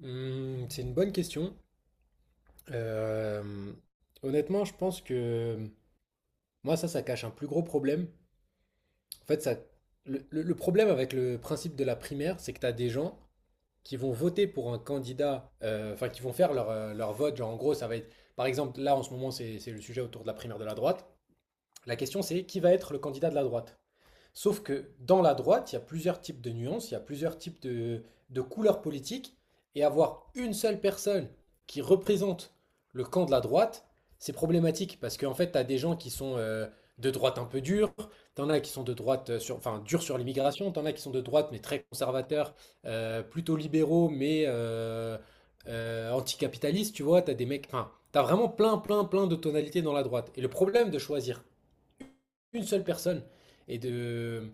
C'est une bonne question. Euh, Honnêtement, je pense que moi, ça cache un plus gros problème. En fait, ça, le problème avec le principe de la primaire, c'est que tu as des gens qui vont voter pour un candidat, enfin, qui vont faire leur, leur vote. Genre, en gros, ça va être, par exemple, là, en ce moment, c'est le sujet autour de la primaire de la droite. La question, c'est qui va être le candidat de la droite? Sauf que dans la droite, il y a plusieurs types de nuances, il y a plusieurs types de couleurs politiques, et avoir une seule personne qui représente le camp de la droite, c'est problématique, parce qu'en fait, tu as des gens qui sont de droite un peu durs, t'en as qui sont de droite, sur, enfin, durs sur l'immigration, t'en as qui sont de droite, mais très conservateurs, plutôt libéraux, mais anticapitalistes, tu vois, t'as des mecs, enfin, t'as vraiment plein, plein, plein de tonalités dans la droite. Et le problème de choisir une seule personne. Et de...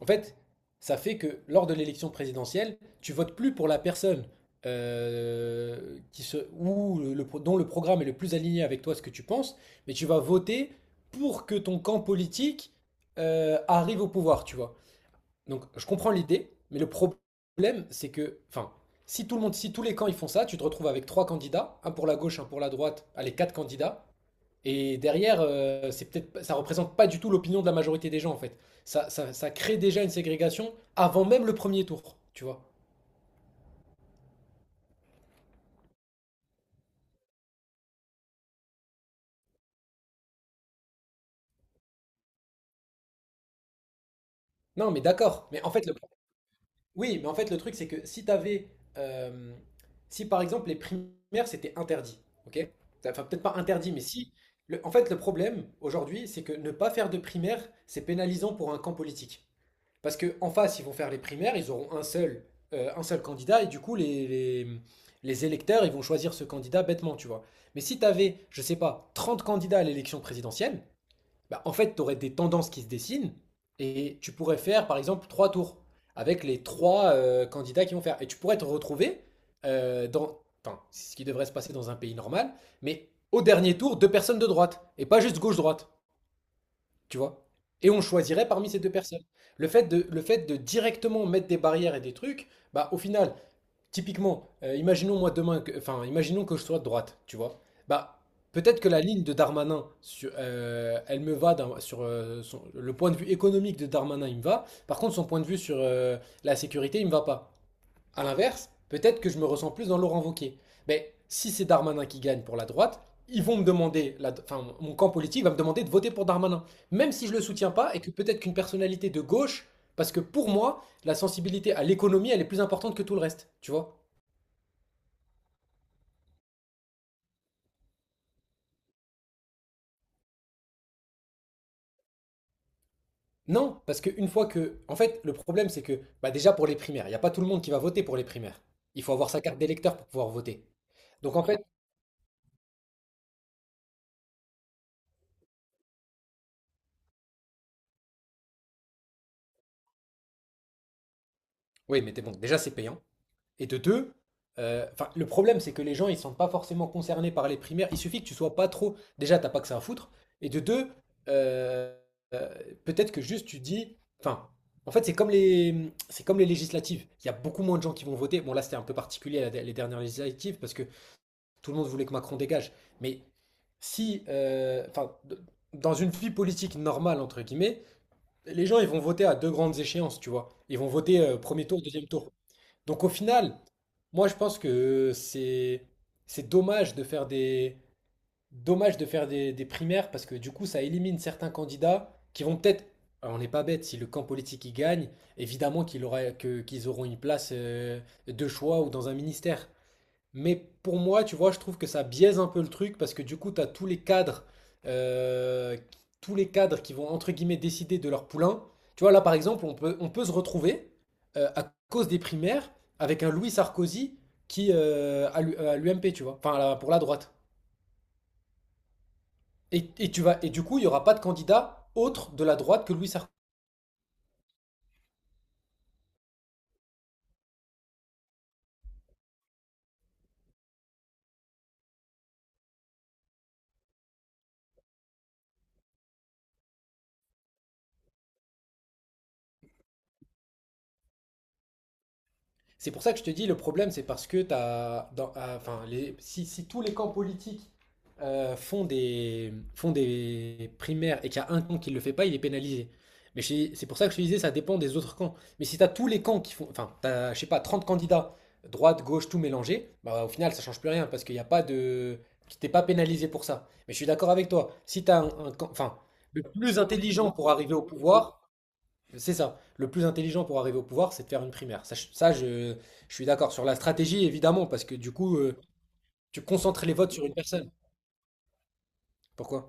En fait, ça fait que lors de l'élection présidentielle, tu votes plus pour la personne qui se, ou le, dont le programme est le plus aligné avec toi, ce que tu penses, mais tu vas voter pour que ton camp politique arrive au pouvoir, tu vois. Donc, je comprends l'idée, mais le problème, c'est que, enfin, si tout le monde, si tous les camps ils font ça, tu te retrouves avec trois candidats, un pour la gauche, un pour la droite, allez, quatre candidats, et derrière, c'est peut-être, ça représente pas du tout l'opinion de la majorité des gens, en fait. Ça crée déjà une ségrégation avant même le premier tour, tu vois. Non, mais d'accord. Mais en fait, le, oui, mais en fait, le truc, c'est que si t'avais, euh, si par exemple les primaires c'était interdit, ok? Enfin, peut-être pas interdit, mais si. En fait, le problème aujourd'hui, c'est que ne pas faire de primaire, c'est pénalisant pour un camp politique. Parce qu'en face, ils vont faire les primaires, ils auront un seul candidat, et du coup, les électeurs, ils vont choisir ce candidat bêtement, tu vois. Mais si tu avais, je sais pas, 30 candidats à l'élection présidentielle, bah, en fait, tu aurais des tendances qui se dessinent, et tu pourrais faire, par exemple, trois tours avec les trois candidats qui vont faire. Et tu pourrais te retrouver dans, enfin, c'est ce qui devrait se passer dans un pays normal, mais au dernier tour, deux personnes de droite, et pas juste gauche-droite. Tu vois? Et on choisirait parmi ces deux personnes. Le fait de directement mettre des barrières et des trucs, bah au final, typiquement, imaginons moi demain, enfin, imaginons que je sois de droite, tu vois? Bah peut-être que la ligne de Darmanin, elle me va sur le point de vue économique de Darmanin, il me va. Par contre, son point de vue sur la sécurité, il me va pas. À l'inverse, peut-être que je me ressens plus dans Laurent Wauquiez. Mais si c'est Darmanin qui gagne pour la droite, ils vont me demander, enfin, mon camp politique va me demander de voter pour Darmanin, même si je ne le soutiens pas et que peut-être qu'une personnalité de gauche, parce que pour moi, la sensibilité à l'économie, elle est plus importante que tout le reste, tu vois? Non, parce qu'une fois que, en fait, le problème, c'est que, bah déjà pour les primaires, il n'y a pas tout le monde qui va voter pour les primaires. Il faut avoir sa carte d'électeur pour pouvoir voter. Donc en fait, oui, mais t'es bon, déjà c'est payant. Et de deux, enfin, le problème, c'est que les gens, ils sont pas forcément concernés par les primaires. Il suffit que tu sois pas trop. Déjà, t'as pas que ça à foutre. Et de deux, euh, euh, peut-être que juste tu dis. Enfin, en fait, c'est comme les législatives. Il y a beaucoup moins de gens qui vont voter. Bon, là, c'était un peu particulier les dernières législatives parce que tout le monde voulait que Macron dégage. Mais si, enfin, dans une vie politique normale entre guillemets, les gens, ils vont voter à deux grandes échéances, tu vois. Ils vont voter premier tour, deuxième tour. Donc au final, moi je pense que c'est dommage de faire des dommage de faire des primaires parce que du coup ça élimine certains candidats qui vont peut-être alors, on n'est pas bête si le camp politique y gagne, évidemment qu'il aura que qu'ils auront une place de choix ou dans un ministère. Mais pour moi, tu vois, je trouve que ça biaise un peu le truc parce que du coup, tu as euh, tous les cadres qui vont entre guillemets décider de leur poulain. Tu vois, là par exemple, on peut se retrouver à cause des primaires avec un Louis Sarkozy qui à à l'UMP, tu vois, enfin à pour la droite. Et tu vas, et du coup, il n'y aura pas de candidat autre de la droite que Louis Sarkozy. C'est pour ça que je te dis, le problème, c'est parce que t'as, ah, enfin, les, si, si tous les camps politiques font des primaires et qu'il y a un camp qui ne le fait pas, il est pénalisé. Mais c'est pour ça que je te disais, ça dépend des autres camps. Mais si tu as tous les camps qui font, enfin, t'as, je sais pas, 30 candidats, droite, gauche, tout mélangé, bah, au final, ça change plus rien parce qu'il n'y a pas de, tu t'es pas pénalisé pour ça. Mais je suis d'accord avec toi. Si tu as un camp, enfin, le plus intelligent pour arriver au pouvoir, c'est ça. Le plus intelligent pour arriver au pouvoir, c'est de faire une primaire. Ça, je, ça, je suis d'accord. Sur la stratégie, évidemment, parce que du coup, tu concentres les votes sur une personne. Pourquoi?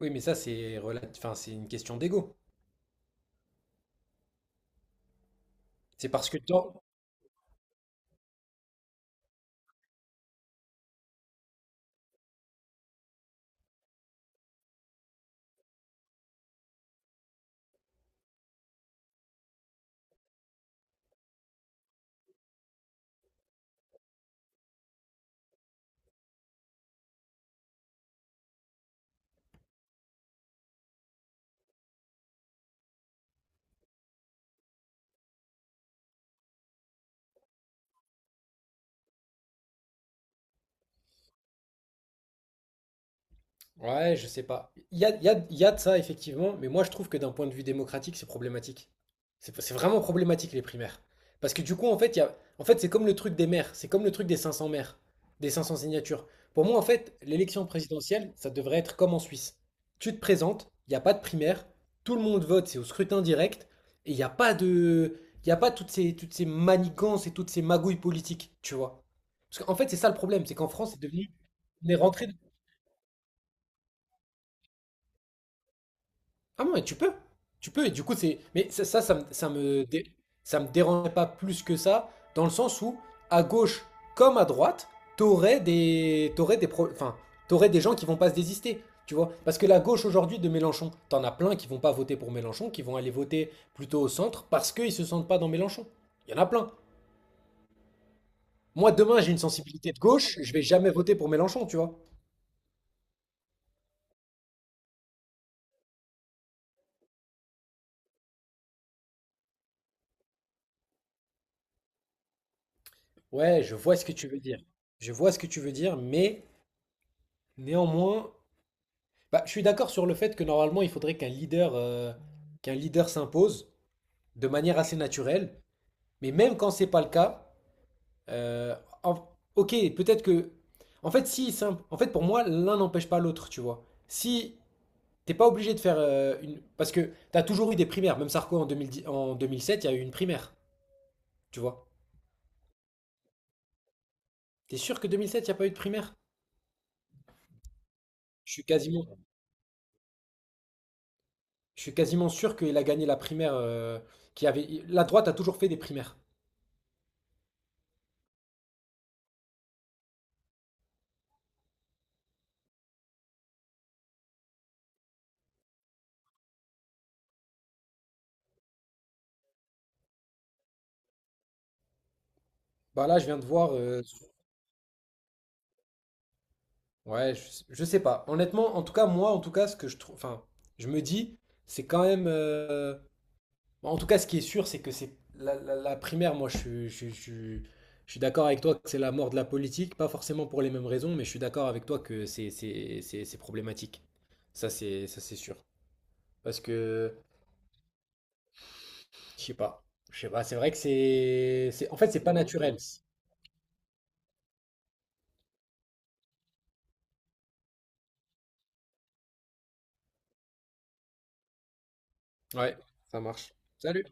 Oui, mais ça, c'est enfin, c'est une question d'ego. C'est parce que toi... Ouais, je sais pas. Il y a, il y a de ça, effectivement, mais moi je trouve que d'un point de vue démocratique, c'est problématique. C'est vraiment problématique les primaires. Parce que du coup, en fait, il y a, en fait, c'est comme le truc des maires, c'est comme le truc des 500 maires, des 500 signatures. Pour moi, en fait, l'élection présidentielle, ça devrait être comme en Suisse. Tu te présentes, il n'y a pas de primaire, tout le monde vote, c'est au scrutin direct, et il n'y a pas de, il y a pas toutes ces, toutes ces manigances et toutes ces magouilles politiques, tu vois. Parce qu'en fait, c'est ça le problème, c'est qu'en France, c'est devenu, on est rentré Ah non, mais tu peux. Tu peux, et du coup, c'est. Mais ça me ça me dérangerait pas plus que ça, dans le sens où, à gauche comme à droite, t'aurais des. T'aurais des enfin, t'aurais des gens qui vont pas se désister. Tu vois? Parce que la gauche aujourd'hui de Mélenchon, t'en as plein qui vont pas voter pour Mélenchon, qui vont aller voter plutôt au centre parce qu'ils se sentent pas dans Mélenchon. Il y en a plein. Moi, demain, j'ai une sensibilité de gauche, je vais jamais voter pour Mélenchon, tu vois? Ouais, je vois ce que tu veux dire. Je vois ce que tu veux dire, mais néanmoins. Bah, je suis d'accord sur le fait que normalement, il faudrait qu'un leader s'impose de manière assez naturelle. Mais même quand c'est pas le cas, euh, en- ok, peut-être que, en fait, si, en fait, pour moi, l'un n'empêche pas l'autre, tu vois. Si t'es pas obligé de faire une, parce que t'as toujours eu des primaires. Même Sarko en 2010 en 2007, il y a eu une primaire, tu vois. T'es sûr que 2007, il n'y a pas eu de primaire? Je suis quasiment, je suis quasiment sûr qu'il a gagné la primaire qui avait. La droite a toujours fait des primaires. Bah là, je viens de voir. Ouais, je sais pas. Honnêtement, en tout cas, moi, en tout cas, ce que je trouve, enfin, je me dis, c'est quand même. En tout cas, ce qui est sûr, c'est que c'est la, la primaire. Moi, je suis d'accord avec toi que c'est la mort de la politique, pas forcément pour les mêmes raisons, mais je suis d'accord avec toi que c'est problématique. Ça, c'est sûr. Parce que, je sais pas, je sais pas. C'est vrai que c'est, en fait, c'est pas naturel. Ouais, ça marche. Salut.